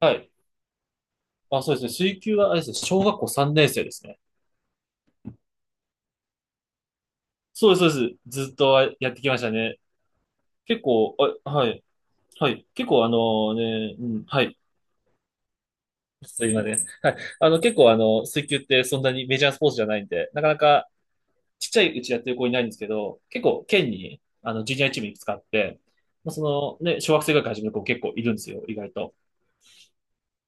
はい。そうですね。水球は、あれですね、小学校3年生ですね。そうです、そうです。ずっとやってきましたね。結構、あ、はい、はい。結構、はい。ちょっと今ね、はい。結構、水球ってそんなにメジャースポーツじゃないんで、なかなかちっちゃいうちやってる子いないんですけど、結構、県に、ジュニアチームいくつかあって、小学生ぐらいから始める子結構いるんですよ、意外と。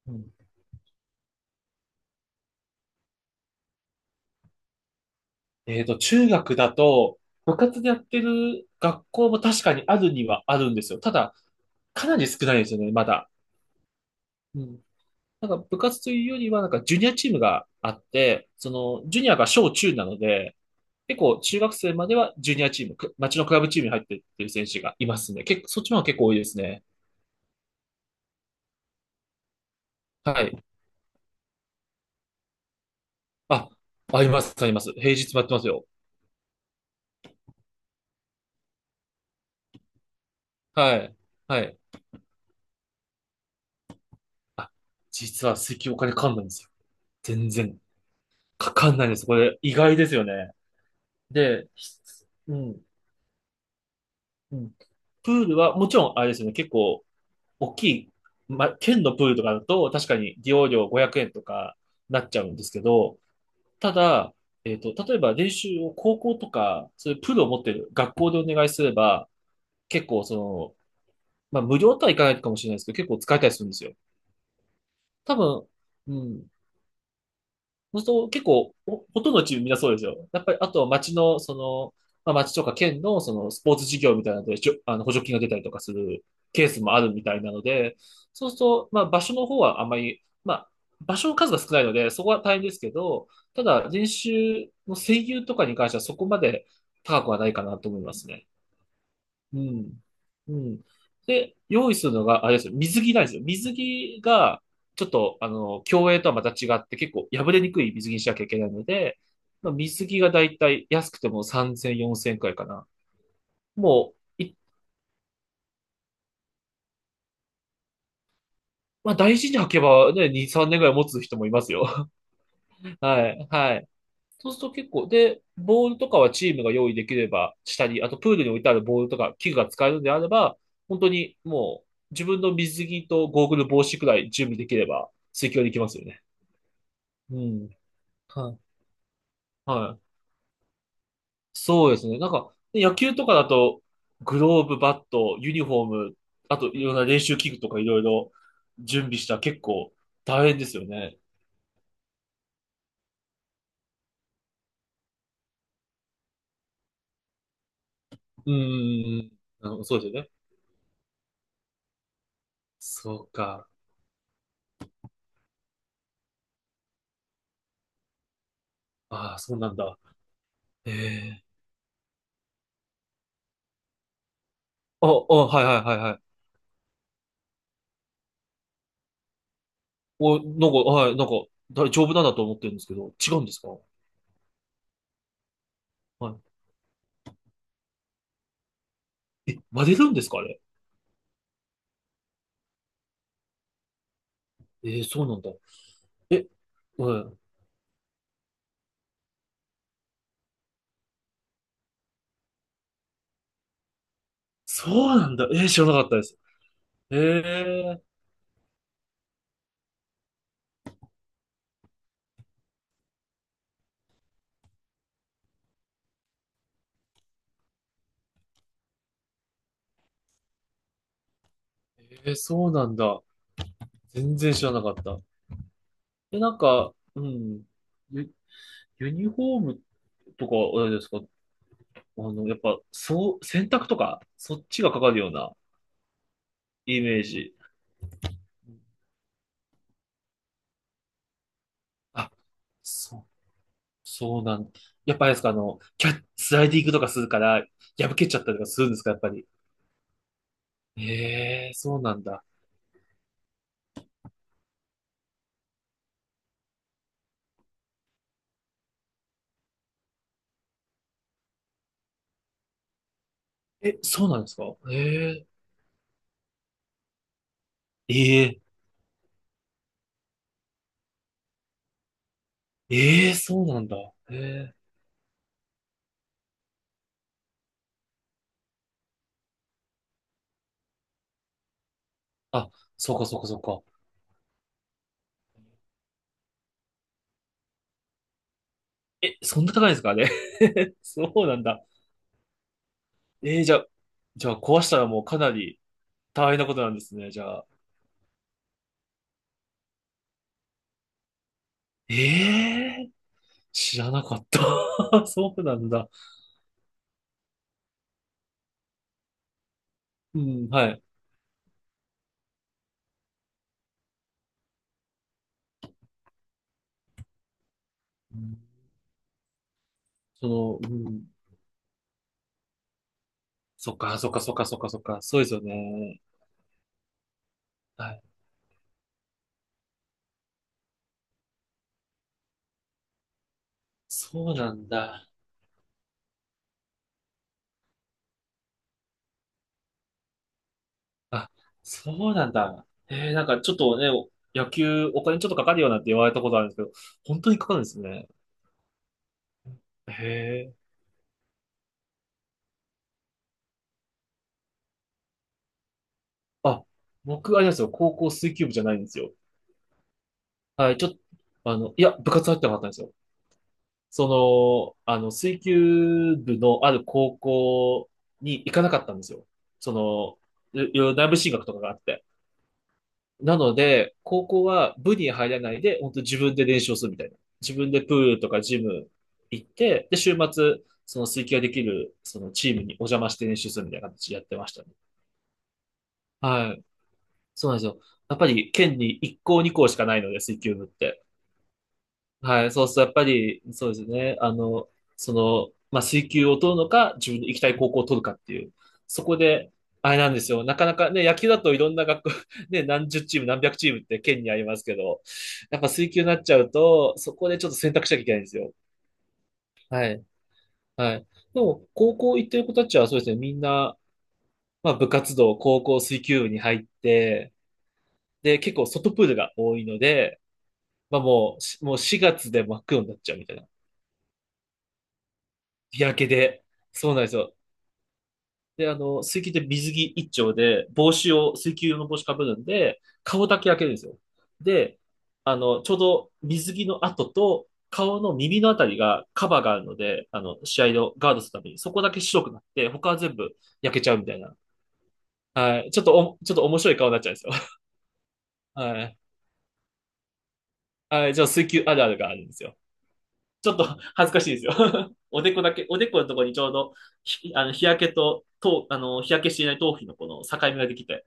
うん。中学だと、部活でやってる学校も確かにあるにはあるんですよ。ただ、かなり少ないですよね、まだ。うん。なんか部活というよりは、なんかジュニアチームがあって、その、ジュニアが小中なので、結構中学生まではジュニアチーム、町のクラブチームに入ってっていう選手がいますね。結構、そっちの方が結構多いですね。はい。あ、あります、あります。平日もやってますよ。はい。はい。あ、実は石油お金かかんないんですよ。全然。かかんないです。これ意外ですよね。で、ひうん、うん。プールはもちろんあれですよね。結構大きい、ま県のプールとかだと、確かに利用料500円とかなっちゃうんですけど、ただ、例えば練習を高校とか、そういうプールを持ってる学校でお願いすれば、結構その、まあ、無料とはいかないかもしれないですけど、結構使えたりするんですよ。多分、うん、そうすると結構、ほとんどのチームみんなそうですよ。やっぱり、あとは町の、その、まあ、町とか県の、その、スポーツ事業みたいなので、あの、補助金が出たりとかするケースもあるみたいなので、そうすると、まあ、場所の方はあんまり、まあ、場所の数が少ないので、そこは大変ですけど、ただ、練習の声優とかに関してはそこまで高くはないかなと思いますね。うん。うん。で、用意するのが、あれですよ、水着なんですよ。水着が、ちょっと、競泳とはまた違って、結構破れにくい水着にしなきゃいけないので、まあ、水着がだいたい安くても3000、4000くらいかな。もう、いまあ、大事に履けばね、2、3年ぐらい持つ人もいますよ。はい、はい。そうすると結構、で、ボールとかはチームが用意できればしたり、あとプールに置いてあるボールとか器具が使えるのであれば、本当にもう自分の水着とゴーグル帽子くらい準備できれば水球はできますよね。うん。はい。はい。そうですね。なんか、野球とかだと、グローブ、バット、ユニフォーム、あといろんな練習器具とかいろいろ準備したら結構大変ですよね。うん。あのそうですよね。そうか。ああ、そうなんだ。ええ、あ、あ、はいはいはいはい。お、なんか、はい、なんか、大丈夫なんだと思ってるんですけど、違うんですか？はい。え、割れるんですかあれ。えー、そうなんだ。え、はい。そうなんだ。えー、知らなかったです。えー、えー、そうなんだ。全然知らなかった。え、なんか、うん、ユ、ユニフォームとか、あれですか？やっぱ、そう、洗濯とか、そっちがかかるようなイメージ。あ、そそうなん、やっぱあれですか、あの、キャッ、スライディングとかするから、破けちゃったりとかするんですか、やっぱり。ええ、そうなんだ。え、そうなんですか？ええ、ええ、ええ、そうなんだ。ええ、あ、そうか、そうか、そうか。え、そんな高いんですか、あれ。そうなんだ。ええ、じゃあ、じゃあ壊したらもうかなり大変なことなんですね、じゃあ。ええ、知らなかった。そうなんだ。うん、はい。うんその、うん、そっか、そっか、そっか、そっか、そっか、そうですよね。あ、そうなんだ。あ、そうなんだ。えー、なんかちょっとね、野球お金ちょっとかかるよなんて言われたことあるんですけど、本当にかかるんですね。へえ。あ、僕、あれなんですよ。高校水球部じゃないんですよ。はい、ちょっと、部活入ってなかったんですよ。水球部のある高校に行かなかったんですよ。そいろいろ内部進学とかがあって。なので、高校は部に入らないで、本当自分で練習をするみたいな。自分でプールとかジム行って、で、週末、その水球ができる、そのチームにお邪魔して練習するみたいな形でやってましたね。はい。そうなんですよ。やっぱり県に1校2校しかないので、水球部って。はい、そうするとやっぱり、そうですね。まあ、水球を取るのか、自分の行きたい高校を取るかっていう。そこで、あれなんですよ。なかなかね、野球だといろんな学校、ね、何十チーム、何百チームって県にありますけど、やっぱ水球になっちゃうと、そこでちょっと選択しなきゃいけないんですよ。はい、はい。でも、高校行ってる子たちはそうですね、みんな、まあ、部活動、高校水球部に入って、で、結構外プールが多いので、もう4月で真っ黒になっちゃうみたいな。日焼けで。そうなんですよ。で、あの、水球って水着一丁で、帽子を、水球用の帽子かぶるんで、顔だけ焼けるんですよ。で、あの、ちょうど水着の跡と、顔の耳のあたりがカバーがあるので、あの、試合をガードするために、そこだけ白くなって、他は全部焼けちゃうみたいな。はい。ちょっと面白い顔になっちゃうんですよ。はい。はい。じゃあ、水球あるあるがあるんですよ。ちょっと 恥ずかしいですよ。おでこだけ、おでこのところにちょうど、あの日焼けと、あの日焼けしていない頭皮のこの境目ができて、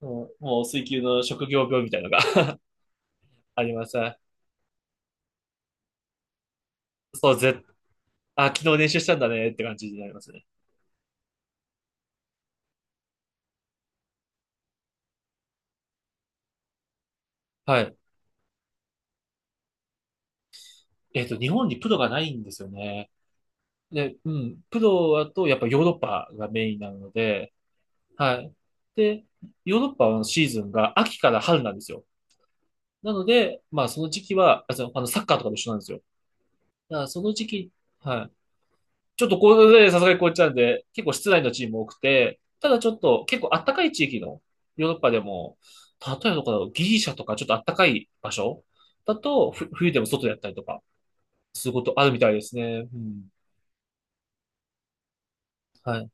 もう水球の職業病みたいなのが ありますね。そう、ぜ、あ、昨日練習したんだねって感じになりますね。はい。日本にプロがないんですよね。で、うん、プロだとやっぱヨーロッパがメインなので、はい。で、ヨーロッパのシーズンが秋から春なんですよ。なので、まあその時期は、あのサッカーとかと一緒なんですよ。だからその時期、はい。ちょっとこれでさすがにこういっちゃうんで、結構室内のチーム多くて、ただちょっと結構あったかい地域のヨーロッパでも、例えばどこだろう、ギリシャとかちょっとあったかい場所だと、冬でも外でやったりとか、することあるみたいですね。うん。はい。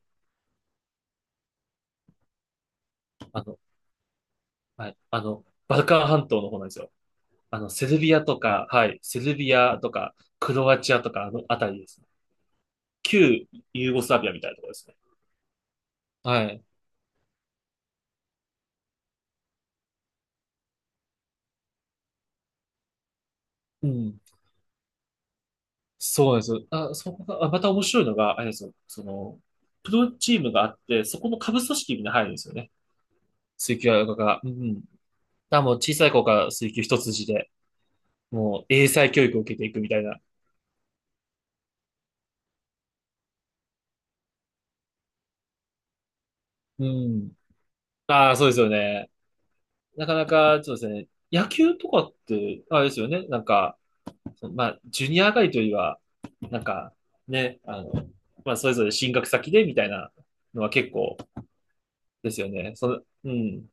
あの、バルカン半島の方なんですよ。セルビアとか、はい。セルビアとか、クロアチアとか、あのあたりですね。旧ユーゴスラビアみたいなところですね。はい。うん。そうなんですよ。そこが、また面白いのが、あれですよ。プロチームがあって、そこの下部組織にみんな入るんですよね。水球が。うんうん。だからもう小さい子から水球一筋で、もう英才教育を受けていくみたいな。うん。ああ、そうですよね。なかなか、そうですね。野球とかって、あれですよね。そのまあ、ジュニア上がりというよりは、なんか、ね、あの、まあ、それぞれ進学先でみたいなのは結構ですよね。その、うん。